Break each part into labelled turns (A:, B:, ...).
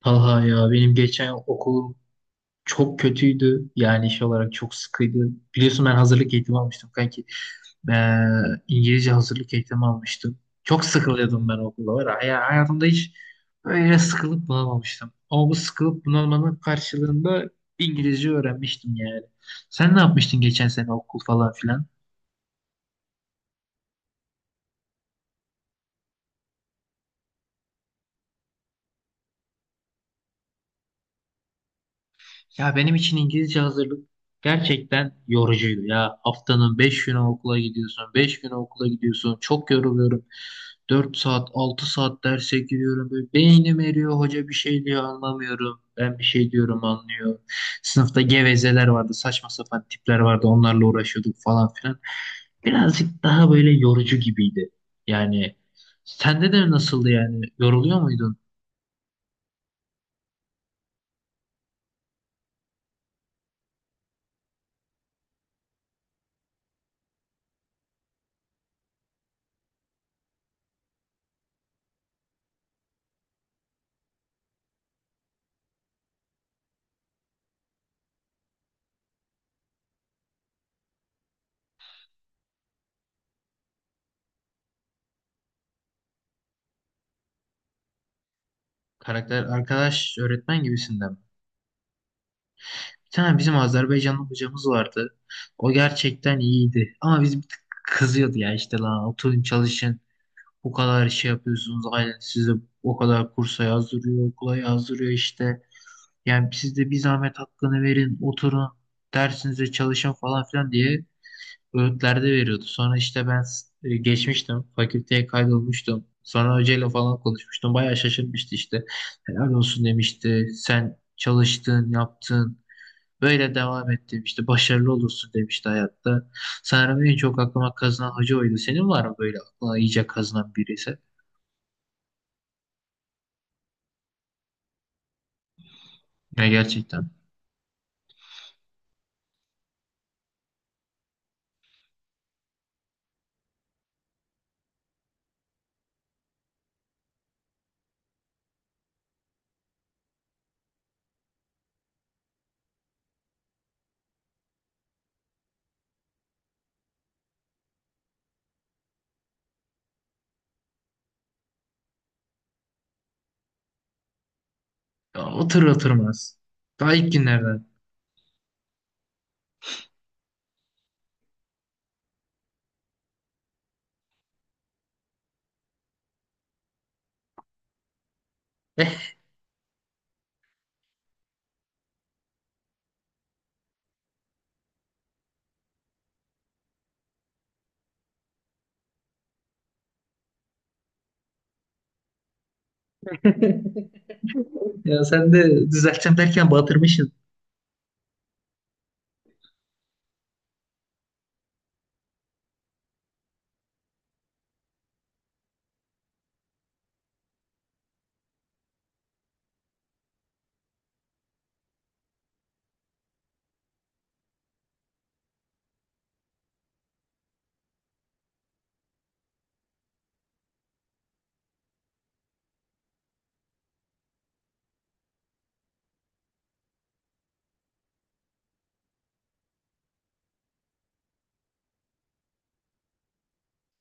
A: Talha ya benim geçen okulum çok kötüydü. Yani iş olarak çok sıkıydı. Biliyorsun ben hazırlık eğitimi almıştım kanki. Ee, İngilizce hazırlık eğitimi almıştım. Çok sıkılıyordum ben okulda var. Ya. Ya hayatımda hiç böyle sıkılıp bunalmamıştım. Ama bu sıkılıp bunalmanın karşılığında İngilizce öğrenmiştim yani. Sen ne yapmıştın geçen sene okul falan filan? Ya benim için İngilizce hazırlık gerçekten yorucuydu ya. Haftanın 5 günü okula gidiyorsun, 5 günü okula gidiyorsun. Çok yoruluyorum. 4 saat, 6 saat derse giriyorum. Böyle beynim eriyor, hoca bir şey diyor anlamıyorum. Ben bir şey diyorum anlıyor. Sınıfta gevezeler vardı, saçma sapan tipler vardı. Onlarla uğraşıyorduk falan filan. Birazcık daha böyle yorucu gibiydi. Yani sende de nasıldı yani? Yoruluyor muydun? Karakter arkadaş öğretmen gibisinden mi? Bir tane bizim Azerbaycanlı hocamız vardı. O gerçekten iyiydi. Ama biz bir tık kızıyordu ya işte lan oturun çalışın. Bu kadar şey yapıyorsunuz. Aynen sizi o kadar kursa yazdırıyor, okula yazdırıyor işte. Yani siz de bir zahmet hakkını verin, oturun, dersinize çalışın falan filan diye öğütlerde veriyordu. Sonra işte ben geçmiştim, fakülteye kaydolmuştum. Sonra hocayla falan konuşmuştum. Bayağı şaşırmıştı işte. Helal olsun demişti. Sen çalıştın, yaptın. Böyle devam et demişti. Başarılı olursun demişti hayatta. Sanırım en çok aklıma kazınan hoca oydu. Senin var mı böyle aklına iyice kazınan birisi? Ya gerçekten. Ya otur oturmaz. Daha ilk günlerden. Ya sen de düzelteceğim derken batırmışsın.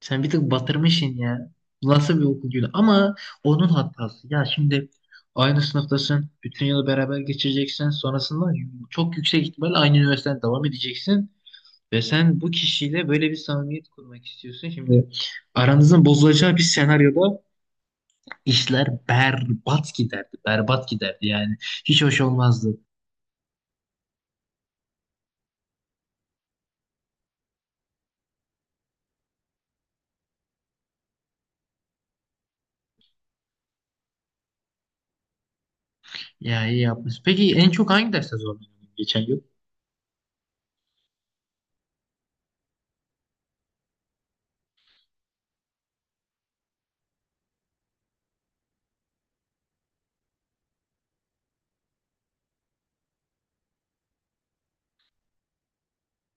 A: Sen bir tık batırmışsın ya. Nasıl bir okul günü? Ama onun hatası. Ya şimdi aynı sınıftasın. Bütün yılı beraber geçireceksin. Sonrasında çok yüksek ihtimalle aynı üniversiteden devam edeceksin. Ve sen bu kişiyle böyle bir samimiyet kurmak istiyorsun. Şimdi aranızın bozulacağı bir senaryoda işler berbat giderdi. Berbat giderdi yani. Hiç hoş olmazdı. Ya iyi yapmış. Peki en çok hangi derste zorlandın geçen yıl?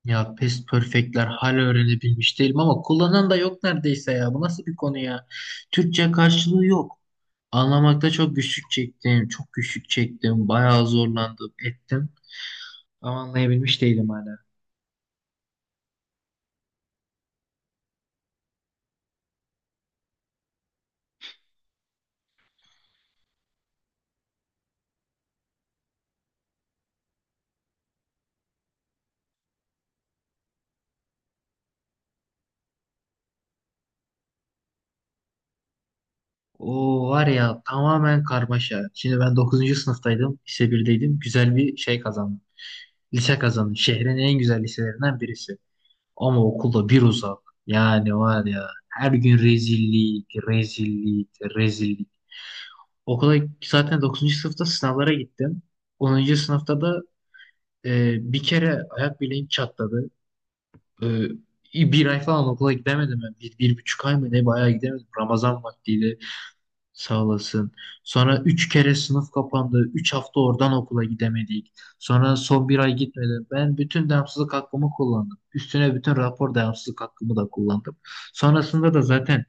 A: Ya past perfect'ler hala öğrenebilmiş değilim ama kullanan da yok neredeyse ya. Bu nasıl bir konu ya? Türkçe karşılığı yok. Anlamakta çok güçlük çektim. Çok güçlük çektim. Bayağı zorlandım, ettim. Ama anlayabilmiş değilim hala. O var ya tamamen karmaşa. Şimdi ben dokuzuncu sınıftaydım. Lise 1'deydim. Güzel bir şey kazandım. Lise kazandım. Şehrin en güzel liselerinden birisi. Ama okulda bir uzak. Yani var ya her gün rezillik, rezillik, rezillik. Okula zaten dokuzuncu sınıfta sınavlara gittim. Onuncu sınıfta da bir kere ayak bileğim çatladı. E, Bir ay falan okula gidemedim ben. Bir, bir buçuk ay mı ne bayağı gidemedim. Ramazan vaktiydi. Sağ olasın. Sonra üç kere sınıf kapandı. Üç hafta oradan okula gidemedik. Sonra son bir ay gitmedim. Ben bütün devamsızlık hakkımı kullandım. Üstüne bütün rapor devamsızlık hakkımı da kullandım. Sonrasında da zaten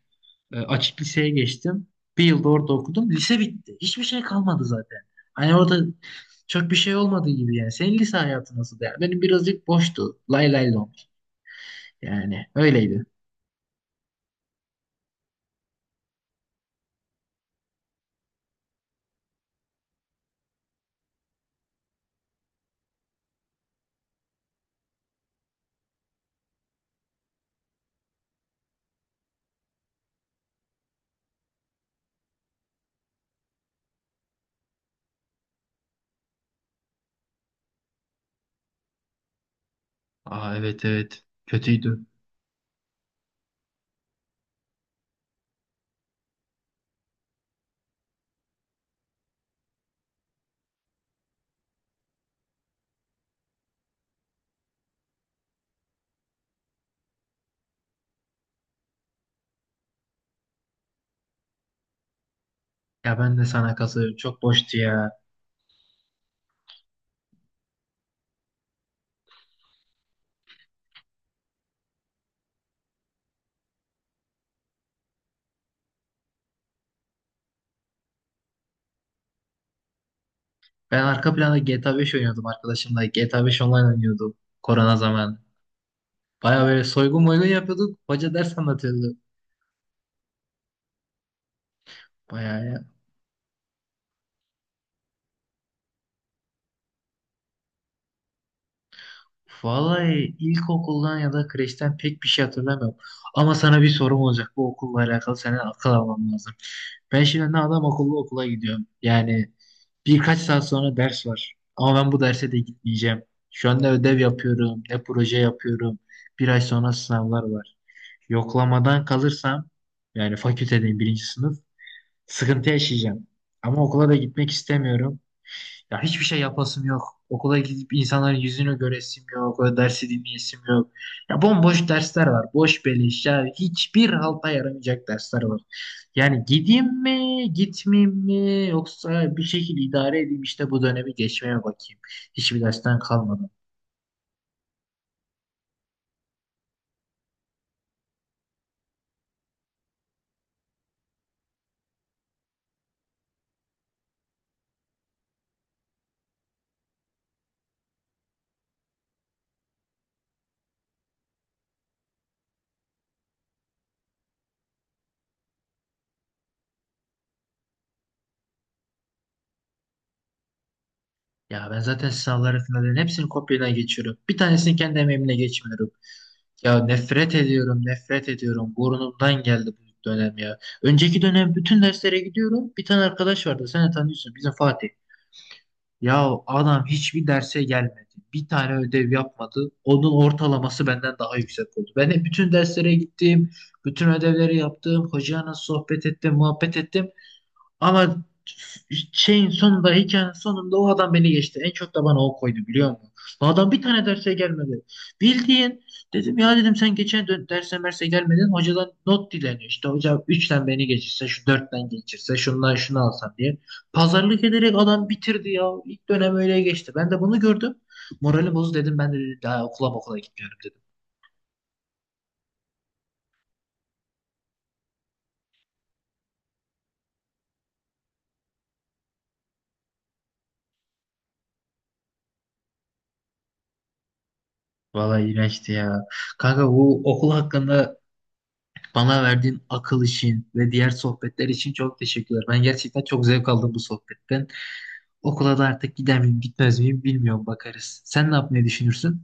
A: açık liseye geçtim. Bir yılda orada okudum. Lise bitti. Hiçbir şey kalmadı zaten. Hani orada çok bir şey olmadığı gibi yani. Senin lise hayatı nasıl der? Benim birazcık boştu. Lay lay lom. Yani öyleydi. Aa, evet, evet. Kötüydü. Ya ben de sana katılıyorum. Çok boştu ya. Ben arka planda GTA 5 oynuyordum arkadaşımla. GTA 5 online oynuyordum korona zamanı. Baya böyle soygun moygun yapıyorduk. Hoca ders anlatıyordu. Baya ya. Vallahi ilkokuldan ya da kreşten pek bir şey hatırlamıyorum. Ama sana bir sorum olacak. Bu okulla alakalı senin akıl alman lazım. Ben şimdi ne adam akıllı okula gidiyorum. Yani birkaç saat sonra ders var. Ama ben bu derse de gitmeyeceğim. Şu an ne ödev yapıyorum, ne proje yapıyorum. Bir ay sonra sınavlar var. Yoklamadan kalırsam yani fakültedeyim birinci sınıf sıkıntı yaşayacağım. Ama okula da gitmek istemiyorum. Ya hiçbir şey yapasım yok. Okula gidip insanların yüzünü göresim yok. O dersi dinleyesim yok. Ya bomboş dersler var. Boş beleş. Ya hiçbir halta yaramayacak dersler var. Yani gideyim mi, gitmeyeyim mi yoksa bir şekilde idare edeyim işte bu dönemi geçmeye bakayım. Hiçbir dersten kalmadım. Ya ben zaten sınavları finallerin hepsini kopyadan geçiyorum. Bir tanesini kendi emeğimle geçmiyorum. Ya nefret ediyorum, nefret ediyorum. Burnumdan geldi bu dönem ya. Önceki dönem bütün derslere gidiyorum. Bir tane arkadaş vardı, sen de tanıyorsun, bizim Fatih. Ya adam hiçbir derse gelmedi. Bir tane ödev yapmadı. Onun ortalaması benden daha yüksek oldu. Ben de bütün derslere gittim, bütün ödevleri yaptım. Hocayla sohbet ettim, muhabbet ettim. Ama şeyin sonunda hikayenin sonunda o adam beni geçti. En çok da bana o koydu biliyor musun? Bu adam bir tane derse gelmedi. Bildiğin dedim ya dedim sen derse merse gelmedin. Hocadan not dileniyor. İşte hoca üçten beni geçirse şu dörtten geçirse şundan şunu alsan diye. Pazarlık ederek adam bitirdi ya. İlk dönem öyle geçti. Ben de bunu gördüm. Moralim bozdu dedim ben de daha okula gitmiyorum dedim. Vallahi iğrençti ya. Kanka bu okul hakkında bana verdiğin akıl için ve diğer sohbetler için çok teşekkürler. Ben gerçekten çok zevk aldım bu sohbetten. Okula da artık gider miyim, gitmez miyim bilmiyorum bakarız. Sen ne yapmayı düşünürsün?